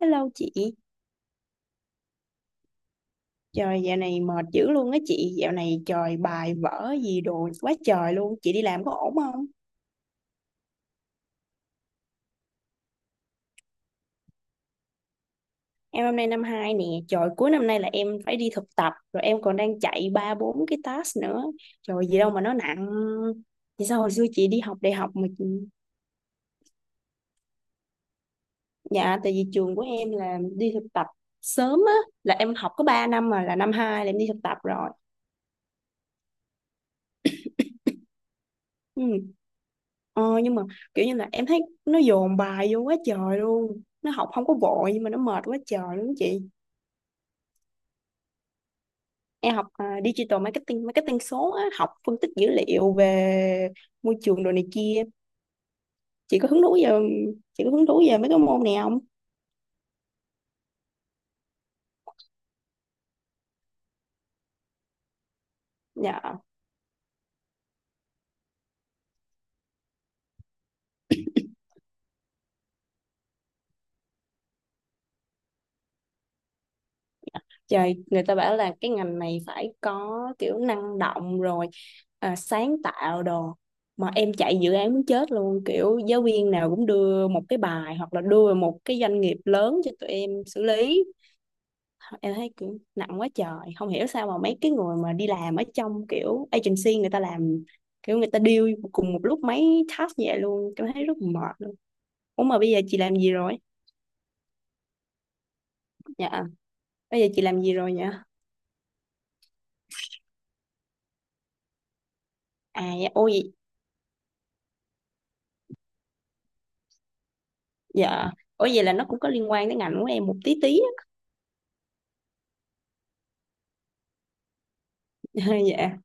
Hello chị, trời dạo này mệt dữ luôn á chị, dạo này trời bài vở gì đồ quá trời luôn, chị đi làm có ổn không? Em hôm nay năm 2 nè, trời cuối năm nay là em phải đi thực tập, rồi em còn đang chạy ba bốn cái task nữa, trời gì đâu mà nó nặng. Vậy sao hồi xưa chị đi học đại học mà, chị- dạ tại vì trường của em là đi thực tập sớm á, là em học có 3 năm mà là năm 2 là em đi thực tập rồi. Ừ. Ờ, nhưng mà kiểu như là em thấy nó dồn bài vô quá trời luôn, nó học không có vội nhưng mà nó mệt quá trời luôn chị. Em học digital marketing marketing số á, học phân tích dữ liệu về môi trường đồ này kia. Chị có hứng thú về chị có hứng thú về mấy cái môn này không? Dạ. Trời, người ta bảo là cái ngành này phải có kiểu năng động rồi sáng tạo đồ, mà em chạy dự án muốn chết luôn, kiểu giáo viên nào cũng đưa một cái bài hoặc là đưa một cái doanh nghiệp lớn cho tụi em xử lý. Em thấy kiểu nặng quá trời, không hiểu sao mà mấy cái người mà đi làm ở trong kiểu agency người ta làm kiểu người ta deal cùng một lúc mấy task như vậy luôn, em thấy rất mệt luôn. Ủa mà bây giờ chị làm gì rồi? Dạ, bây giờ chị làm gì rồi vậy? À, dạ, ôi dạ, ủa vậy là nó cũng có liên quan đến ngành của em một tí tí á. Dạ.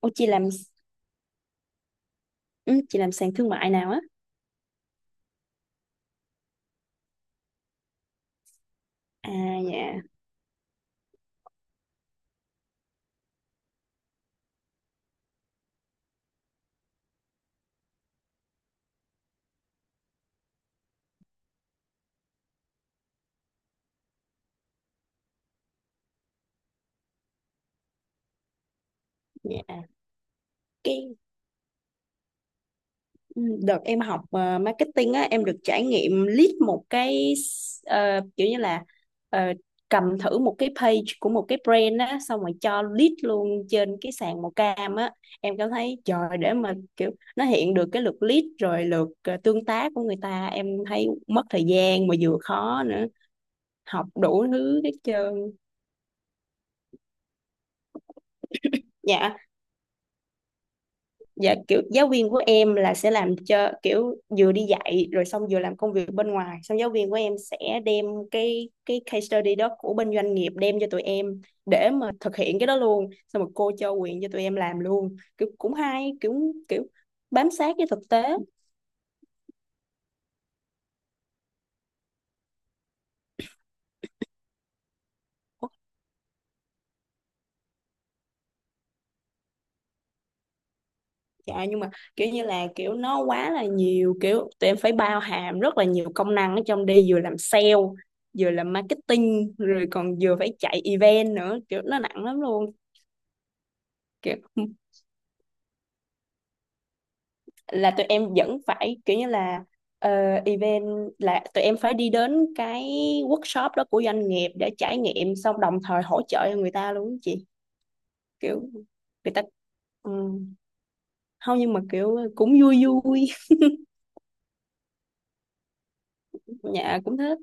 Ô chị làm, ừ, chị làm sàn thương mại nào á? À, dạ dạ, cái, ừ, đợt em học marketing á em được trải nghiệm lead một cái kiểu như là, ờ, cầm thử một cái page của một cái brand á xong rồi cho lead luôn trên cái sàn màu cam á. Em cảm thấy trời, để mà kiểu nó hiện được cái lượt lead rồi lượt tương tác của người ta em thấy mất thời gian mà vừa khó nữa, học đủ thứ hết trơn. Dạ, dạ kiểu giáo viên của em là sẽ làm cho kiểu vừa đi dạy rồi xong vừa làm công việc bên ngoài, xong giáo viên của em sẽ đem cái case study đó của bên doanh nghiệp đem cho tụi em để mà thực hiện cái đó luôn, xong rồi cô cho quyền cho tụi em làm luôn. Kiểu cũng hay, kiểu kiểu bám sát cái thực tế. Ủa, dạ nhưng mà kiểu như là kiểu nó quá là nhiều, kiểu tụi em phải bao hàm rất là nhiều công năng ở trong đi, vừa làm sale vừa làm marketing rồi còn vừa phải chạy event nữa, kiểu nó nặng lắm luôn. Kiểu là tụi em vẫn phải kiểu như là, ờ, event là tụi em phải đi đến cái workshop đó của doanh nghiệp để trải nghiệm xong đồng thời hỗ trợ cho người ta luôn á chị. Kiểu người ta, ừ. Không, nhưng mà kiểu cũng vui vui. Nhà cũng thế.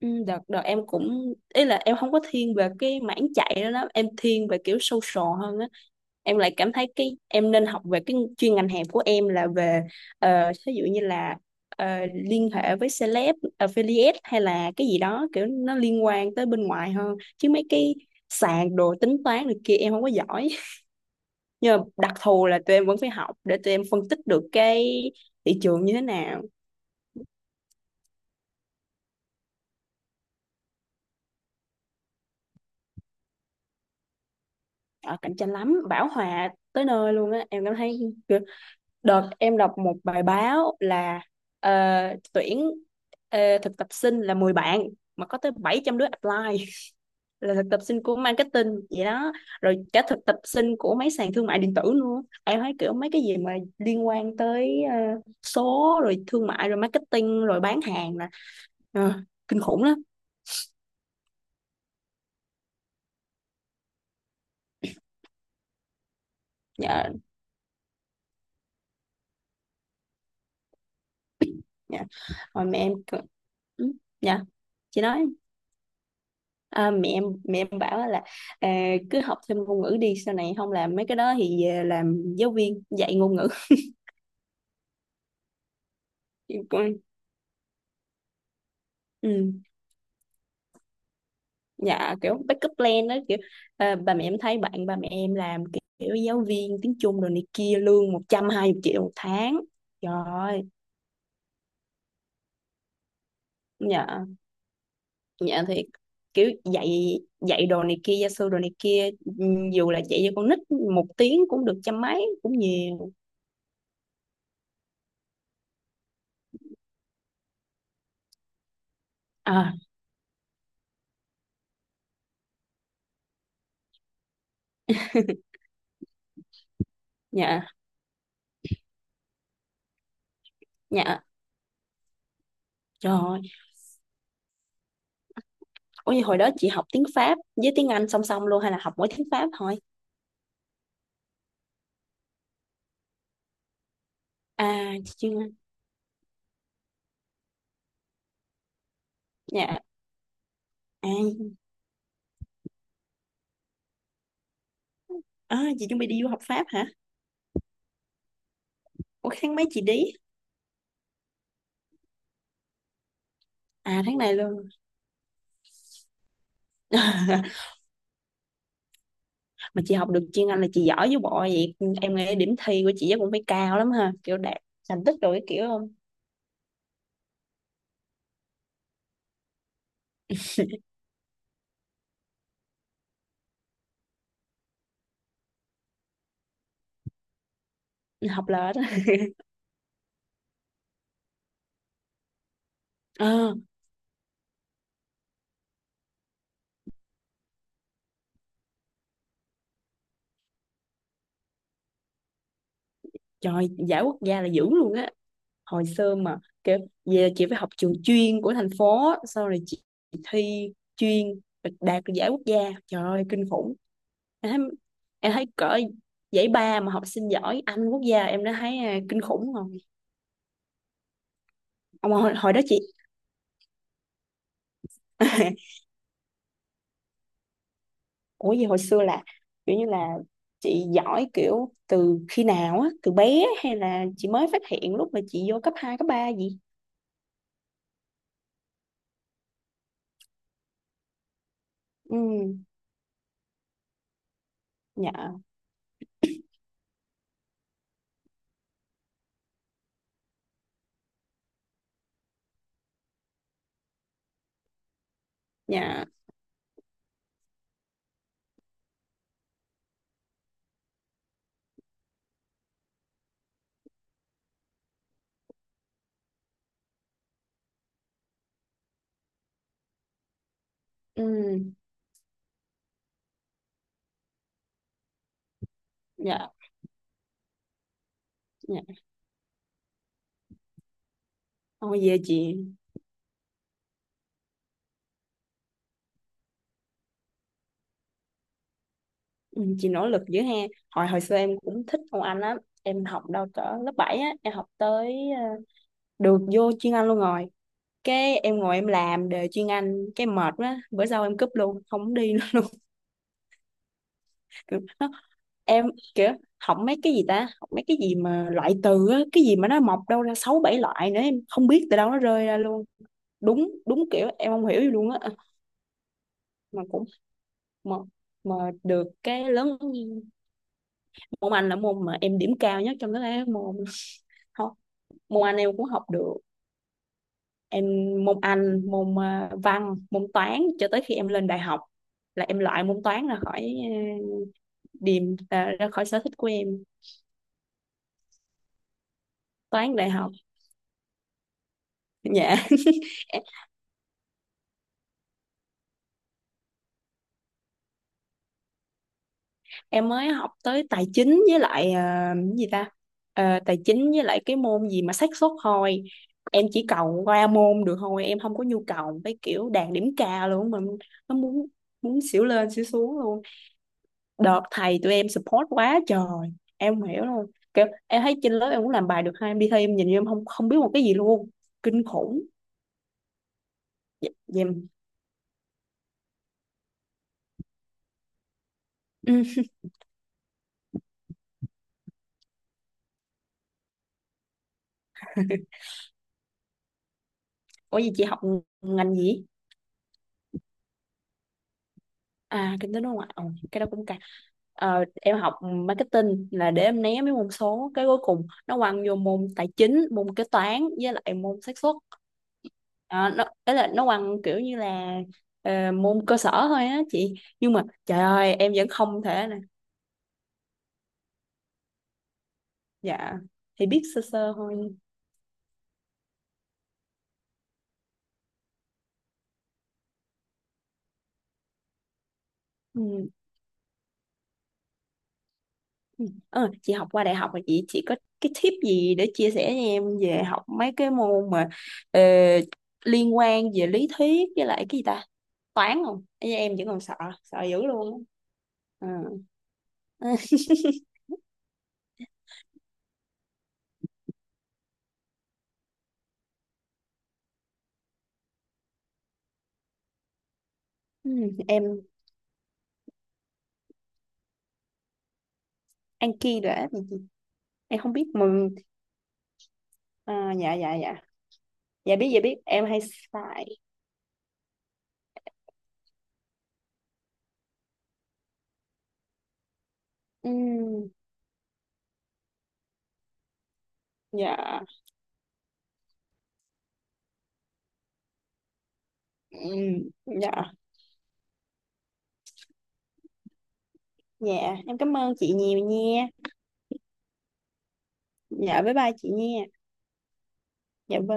Ừ, đợt đợt em cũng ý là em không có thiên về cái mảng chạy đó đó, em thiên về kiểu social hơn á. Em lại cảm thấy cái em nên học về cái chuyên ngành hẹp của em là về, ví dụ như là, ờ, liên hệ với celeb affiliate hay là cái gì đó kiểu nó liên quan tới bên ngoài hơn, chứ mấy cái sàn đồ tính toán này kia em không có giỏi. Nhưng mà đặc thù là tụi em vẫn phải học để tụi em phân tích được cái thị trường như thế nào. Ờ, cạnh tranh lắm, bão hòa tới nơi luôn á em cảm thấy. Đợt em đọc một bài báo là ờ, tuyển thực tập sinh là 10 bạn mà có tới 700 đứa apply. Là thực tập sinh của marketing vậy đó, rồi cả thực tập sinh của mấy sàn thương mại điện tử luôn, em thấy kiểu mấy cái gì mà liên quan tới số rồi thương mại rồi marketing rồi bán hàng là, ờ, kinh khủng lắm. Dạ. Dạ. Rồi mẹ em cứ- ừ, dạ, chị nói. À, mẹ em bảo là cứ học thêm ngôn ngữ đi, sau này không làm mấy cái đó thì về làm giáo viên dạy ngôn ngữ. Em cũng- ừ. Dạ kiểu backup plan đó, kiểu bà mẹ em thấy bạn bà mẹ em làm kiểu giáo viên tiếng Trung rồi này kia lương 120 triệu một tháng, trời ơi. Dạ. Dạ thiệt, kiểu dạy dạy đồ này kia, gia sư đồ này kia, ừ, dù là dạy cho con nít một tiếng cũng được trăm mấy cũng nhiều. À dạ. Dạ. Trời ơi. Ủa như hồi đó chị học tiếng Pháp với tiếng Anh song song luôn hay là học mỗi tiếng Pháp thôi? À chị chưa. Dạ. À, à chị chuẩn bị đi du học Pháp hả? Ủa tháng mấy chị đi? À tháng này luôn. Mà chị học được chuyên Anh là chị giỏi với bộ vậy. Em nghĩ điểm thi của chị chắc cũng phải cao lắm ha. Kiểu đạt thành tích rồi cái kiểu không? Học lệch. Á. Ờ, trời giải quốc gia là dữ luôn á. Hồi xưa mà kiểu, vậy là chị phải học trường chuyên của thành phố á, sau rồi chị thi chuyên đạt được giải quốc gia, trời ơi kinh khủng. Em thấy, em thấy cỡ giải ba mà học sinh giỏi Anh quốc gia em đã thấy kinh khủng rồi. Ông hồi, hồi đó chị. Ủa gì hồi xưa là kiểu như là, chị giỏi kiểu từ khi nào á, từ bé hay là chị mới phát hiện lúc mà chị vô cấp hai cấp ba gì? Ừ. Dạ. Dạ. Ừ. Dạ. Dạ. Thôi về chị. Ừ, chị nỗ lực dữ ha. Hồi hồi xưa em cũng thích môn Anh lắm, em học đâu cỡ lớp 7 á, em học tới được vô chuyên Anh luôn rồi, cái em ngồi em làm đề chuyên Anh cái mệt quá, bữa sau em cúp luôn không đi nữa luôn. Kiểu nó- em, kiểu học mấy cái gì ta, học mấy cái gì mà loại từ á, cái gì mà nó mọc đâu ra sáu bảy loại nữa em không biết từ đâu nó rơi ra luôn. Đúng đúng, kiểu em không hiểu gì luôn á. Mà cũng, mà, mà được cái lớn môn Anh là môn mà em điểm cao nhất trong tất cả các môn. Ho- môn Anh em cũng học được, em môn Anh môn văn môn toán cho tới khi em lên đại học là em loại môn toán ra khỏi điểm ra khỏi sở thích của em. Toán đại học. Dạ. Em mới học tới tài chính với lại cái gì ta, ờ, tài chính với lại cái môn gì mà xác suất thôi. Em chỉ cầu qua môn được thôi, em không có nhu cầu cái kiểu đạt điểm cao luôn, mà nó muốn, muốn xỉu lên xỉu xuống luôn. Đợt thầy tụi em support quá trời em không hiểu luôn, kiểu em thấy trên lớp em cũng làm bài được hai em đi thi em nhìn như em không không biết một cái gì luôn, kinh khủng. Vậy mà- ừ. Ủa gì chị học ngành gì? À kinh tế đối ngoại. Ồ, cái đó cũng cả. Ờ, em học marketing là để em né mấy môn số, cái cuối cùng nó quăng vô môn tài chính môn kế toán với lại môn xác suất. Ờ, nó ấy là nó quăng kiểu như là môn cơ sở thôi á chị, nhưng mà trời ơi em vẫn không thể nè. Dạ. Thì biết sơ sơ thôi. Ừ. Ừ. Ờ, chị học qua đại học rồi chị có cái tip gì để chia sẻ cho em về học mấy cái môn mà ờ, liên quan về lý thuyết với lại cái gì ta, toán không? Ê, em vẫn còn sợ, sợ dữ luôn á. Ờ. Ừ, em ăn kiêng rồi á. Em không biết mừng. À, dạ dạ dạ. Dạ biết, dạ biết em hay xài. Ừ, dạ. Ừ, dạ. Dạ em cảm ơn chị nhiều nha. Dạ bye bye chị nha. Dạ